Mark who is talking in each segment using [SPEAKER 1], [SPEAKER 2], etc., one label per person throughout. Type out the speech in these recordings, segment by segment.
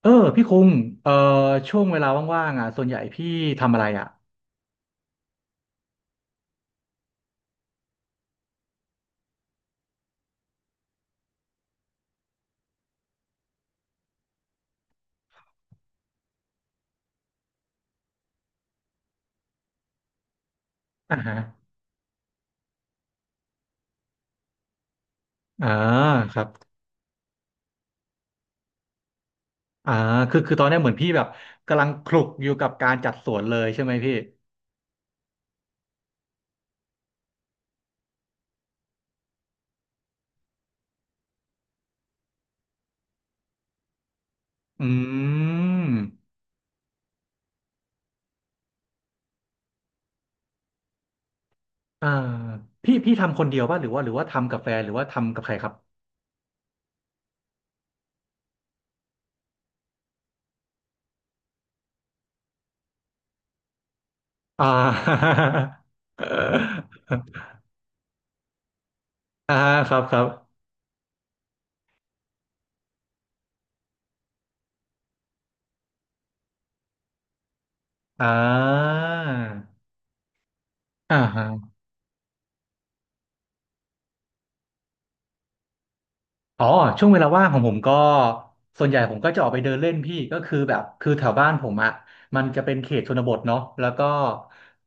[SPEAKER 1] เออพี่คุงเอ่อช่วงเวลาว่างๆอ่ะส่วนใหญ่พี่ทำอะไรอ่ะอ่าฮะอ่าครับอ่าคือตอนเนี้ยเหมือนพี่แบบกำลังคลุกอยู่กับการจัดสวนเลยใช่ไหมพี่อืมอ่าพี่ทำคนเดียวป่ะหรือว่าทำกับแฟนหรือว่าทำกับใครครับอ่า อ่าครับอ่าอ่าฮะ อ๋อช่วงเวลาว่างของผมก็ส่วนใหญ่ผมก็จะออกไปเดินเล่นพี่ก็คือแบบคือแถวบ้านผมอ่ะมันจะเป็นเขตชนบทเนาะแล้วก็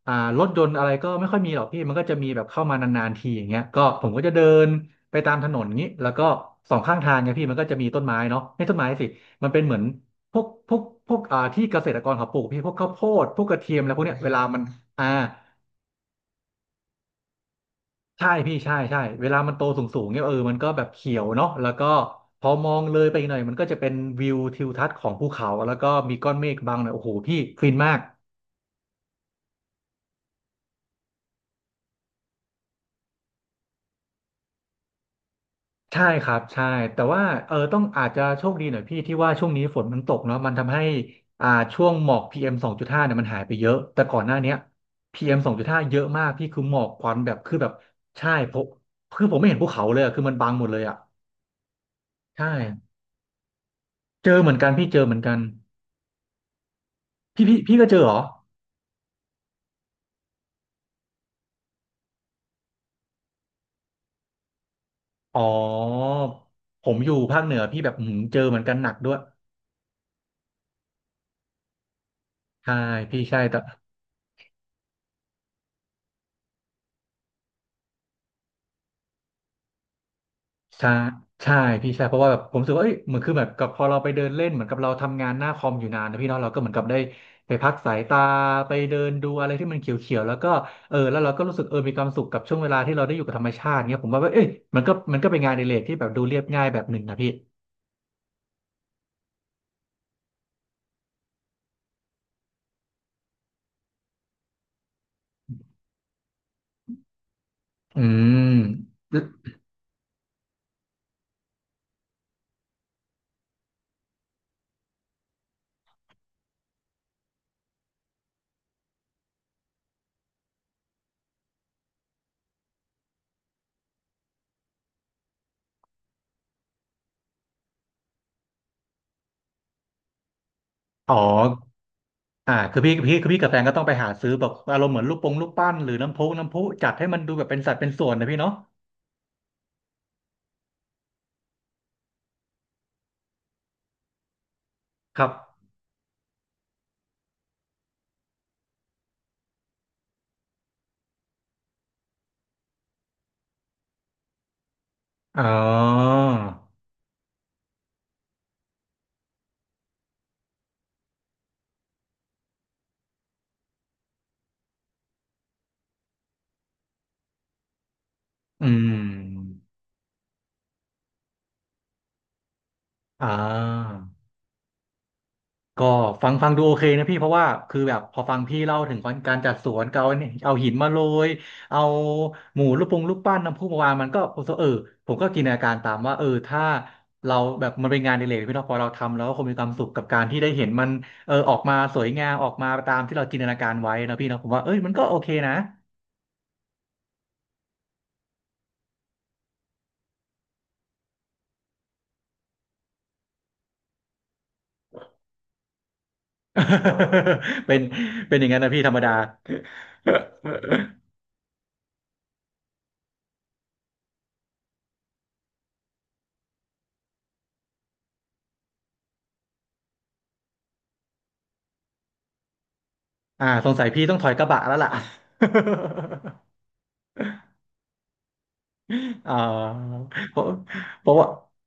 [SPEAKER 1] อ่ารถยนต์อะไรก็ไม่ค่อยมีหรอกพี่มันก็จะมีแบบเข้ามานานๆทีอย่างเงี้ยก็ผมก็จะเดินไปตามถนนงี้แล้วก็สองข้างทางเนี่ยพี่มันก็จะมีต้นไม้เนาะไม่ต้นไม้สิมันเป็นเหมือนพวกอ่าที่เกษตรกรเขาปลูกพี่พวกข้าวโพดพวกกระเทียมอะไรพวกเนี้ยเวลามันอ่า ใช่พี่ใช่เวลามันโตสูงเนี่ยมันก็แบบเขียวเนาะแล้วก็พอมองเลยไปอีกหน่อยมันก็จะเป็นวิวทิวทัศน์ของภูเขาแล้วก็มีก้อนเมฆบังหน่อยโอ้โหพี่ฟินมากใช่ครับใช่แต่ว่าต้องอาจจะโชคดีหน่อยพี่ที่ว่าช่วงนี้ฝนมันตกเนาะมันทำให้อ่าช่วงหมอก PM 2.5เอ็มสองจุดห้าเนี่ยมันหายไปเยอะแต่ก่อนหน้าเนี้ย PM 2.5เอ็มสองจุดห้าเยอะมากพี่คือหมอกควันแบบคือแบบใช่ผมคือผมไม่เห็นภูเขาเลยอะคือมันบังหมดเลยอ่ะใช่เจอเหมือนกันพี่เจอเหมือนกันพี่พี่ก็เจอเหรอ อ๋อผมอยู่ภาคเหนือพี่แบบอื้อหือเจอเหมือนกันหนักด้วยใช่พี่ใช่แต่ใช่ใช่พี่ใช่เพราะว่าแบบผมรู้สึกว่าเอ้ยเหมือนคือแบบกับพอเราไปเดินเล่นเหมือนกับเราทำงานหน้าคอมอยู่นานนะพี่เนาะเราก็เหมือนกับได้ไปพักสายตาไปเดินดูอะไรที่มันเขียวๆแล้วก็แล้วเราก็รู้สึกมีความสุขกับช่วงเวลาที่เราได้อยู่กับธรรมชาติเงี้ยผมว่าเอ้ยมันก็เป็นงานอดิเรกที่แบบดูเรียบง่ายแบบหนึ่งนะพี่อืมอ๋อ อ่าคือพี่คือพี่กับแฟนก็ต้องไปหาซื้อแบบอารมณ์เหมือนลูกปงลูกปั้นหรือน้ำพุจัดให้มันดูแบบเป็นสัดเป็นส่วนนะพี่เนาะครับอ๋ออืมอ่า ก็ฟังดูโอเคนะพี่เพราะว่าคือแบบพอฟังพี่เล่าถึงการจัดสวนก็เอาเนี่ยเอาหินมาโรยเอาหมูรูปปงรูปปั้นน้ำพุมาวางมันก็เออผมก็จินตนาการตามว่าเออถ้าเราแบบมันเป็นงานอดิเรกพี่เนาะพอเราทำแล้วก็คงมีความสุขกับการที่ได้เห็นมันเออออกมาสวยงามออกมาตามที่เราจินตนาการไว้นะพี่เนาะผมว่าเอ้ยมันก็โอเคนะ เป็นเป็นอย่างนั้นนะพี่ธรรมดาอ่าสงสัยพี่ต้องถอยกระบะแล้วล่ะ อ่าเพราะเพราะว่า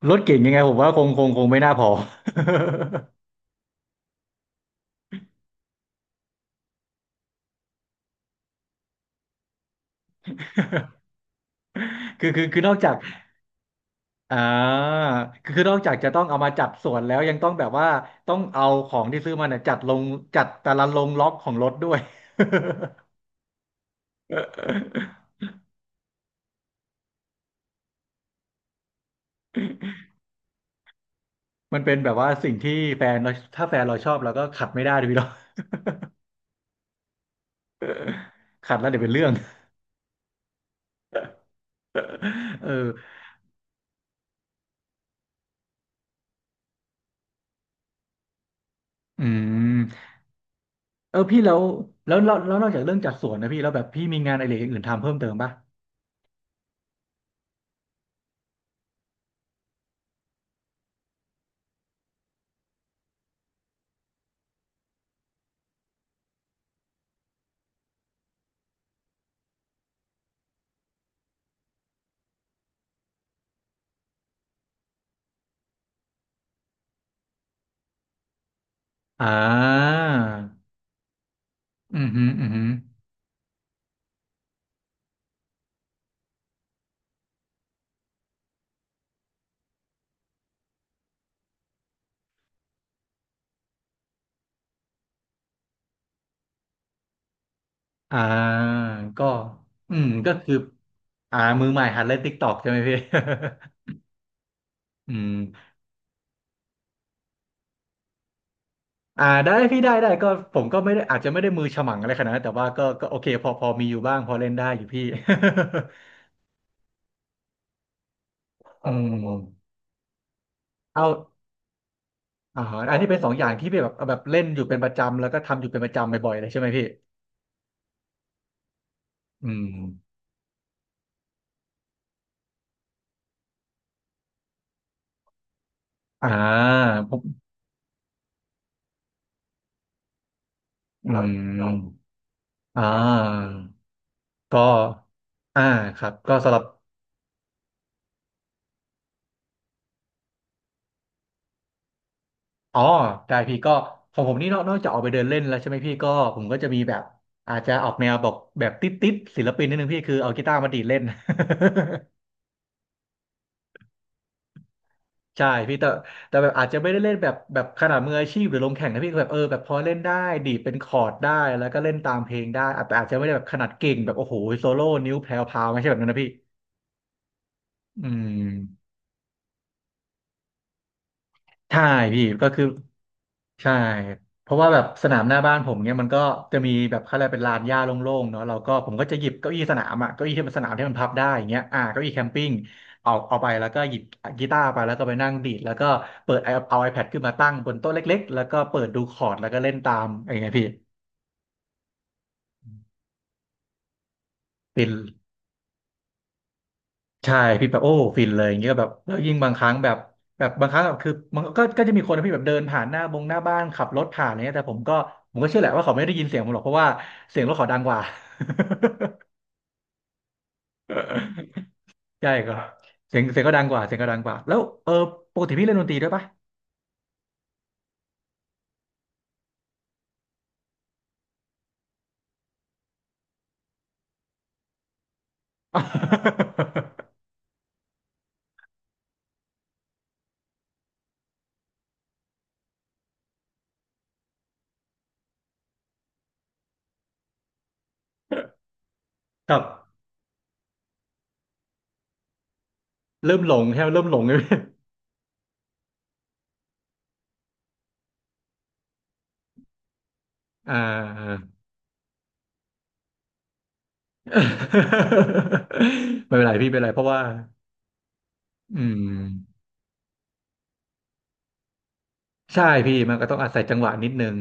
[SPEAKER 1] รถเก่งยังไงผมว่าคงไม่น่าพอ คือคือนอกจากอ่าคือนอกจากจะต้องเอามาจัดส่วนแล้วยังต้องแบบว่าต้องเอาของที่ซื้อมาเนี่ยจัดลงจัดแต่ละลงล็อกของรถด้วย มันเป็นแบบว่าสิ่งที่แฟนเราถ้าแฟนเราชอบเราก็ขัดไม่ได้ดิพี่เนาะ ขัดแล้วเดี๋ยวเป็นเรื่อง เอออืมเออพี่แล้วนอกจากเรื่องจัดสวนนะพี่แล้วแบบพี่มีงานอะไรอย่างอื่นทำเพิ่มเติมป่ะ อ่าอือฮึอืมฮึอ่าก็ก็คืออ่ามือใหม่หัดเล่นติ๊กตอกใช่ไหมพี่ อืมอ่าได้พี่ได้ก็ผมก็ไม่ได้อาจจะไม่ได้มือฉมังอะไรขนาดนั้นแต่ว่าก็โอเคพอมีอยู่บ้างพอเล่นได้อยู่พี่ อืมเอาอ่าอันนี้เป็นสองอย่างที่พี่แบบเล่นอยู่เป็นประจำแล้วก็ทำอยู่เป็นประจำบ่อยๆเลยใช่ไหมพี่อืมอ่าผมอืมอ่าก็อ่าครับก็สำหรับ อ๋อได้พี่ก็ของผมนี่นอกจากออกไปเดินเล่นแล้วใช่ไหมพี่ก็ผมก็จะมีแบบอาจจะออกแนวบอกแบบติดศิลปินนิดนึงพี่คือเอากีตาร์มาดีดเล่น ใช่พี่แต่แบบอาจจะไม่ได้เล่นแบบขนาดมืออาชีพหรือลงแข่งนะพี่ก็แบบแบบพอเล่นได้ดีดเป็นคอร์ดได้แล้วก็เล่นตามเพลงได้อาจแต่อาจจะไม่ได้แบบขนาดเก่งแบบโอ้โหโซโล่นิ้วแพรวพราวไม่ใช่แบบนั้นนะพี่อืมใช่พี่ก็คือ ใช่เพราะว่าแบบสนามหน้าบ้านผมเนี่ยมันก็จะมีแบบเขาเรียกเป็นลานหญ้าโล่งๆเนาะเราก็ผมก็จะหยิบเก้าอี้สนามอ่ะเก้าอี้ที่มันสนามที่มันพับได้อย่างเงี้ยเก้าอี้แคมปิ้งเอาไปแล้วก็หยิบกีตาร์ไปแล้วก็ไปนั่งดีดแล้วก็เปิดไอเอาไอแพดขึ้นมาตั้งบนโต๊ะเล็กๆแล้วก็เปิดดูคอร์ดแล้วก็เล่นตามอย่างเงี้ยพี่ฟิน ใช่พี่แบบโอ้ฟินเลยอย่างเงี้ยแบบแล้วยิ่งบางครั้งแบบบางครั้งแบบคือมันก็จะมีคนนะพี่แบบเดินผ่านหน้าบ้านขับรถผ่านอะไรเงี้ยแต่ผมก็เชื่อแหละว่าเขาไม่ได้ยินเสียงผมหรอกเพราะว่าเสียงรถเขาดังกว่า ใช่ก็เสียงก็ดังกว่าเสียงก็ดังกว่าแล้วปกติพี่เล่นดนตรีด้วยปะ ครับเริ่มหลงใช่ไหมเริ่มหลงเลย พี่อ่า ไม่เป็นไรพี่ไม่เป็นไรเพราะว่าอืมใช่พี่มันก็ต้องอาศัยจังหวะนิดนึง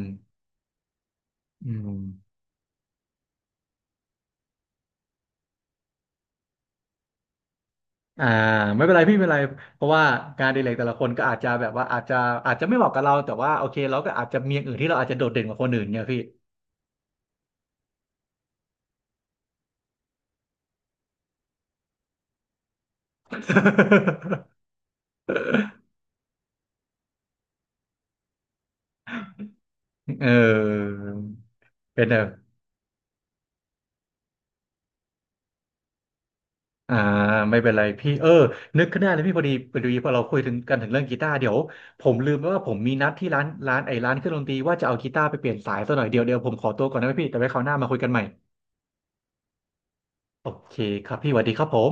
[SPEAKER 1] อืม อ่าไม่เป็นไรพี่ไม่เป็นไรเพราะว่างานอดีเลกแต่ละคนก็อาจจะอาจจะไม่เหมาะกับเราแต่ว่าโอเคเราก็อาจจะมีอย่างอื่นที่เราอาจจะโดดเด่นกว่าคนอื่นเนี่ยพี่ เออเป็นแบบอ่าไม่เป็นไรพี่เออนึกขึ้นได้เลยพี่พอดีพอเราคุยถึงกันถึงเรื่องกีตาร์เดี๋ยวผมลืมไปว่าผมมีนัดที่ร้านไอ้ร้านเครื่องดนตรีว่าจะเอากีตาร์ไปเปลี่ยนสายซะหน่อยเดี๋ยวผมขอตัวก่อนนะพี่แต่ไว้คราวหน้ามาคุยกันใหม่โอเคครับพี่สวัสดีครับผม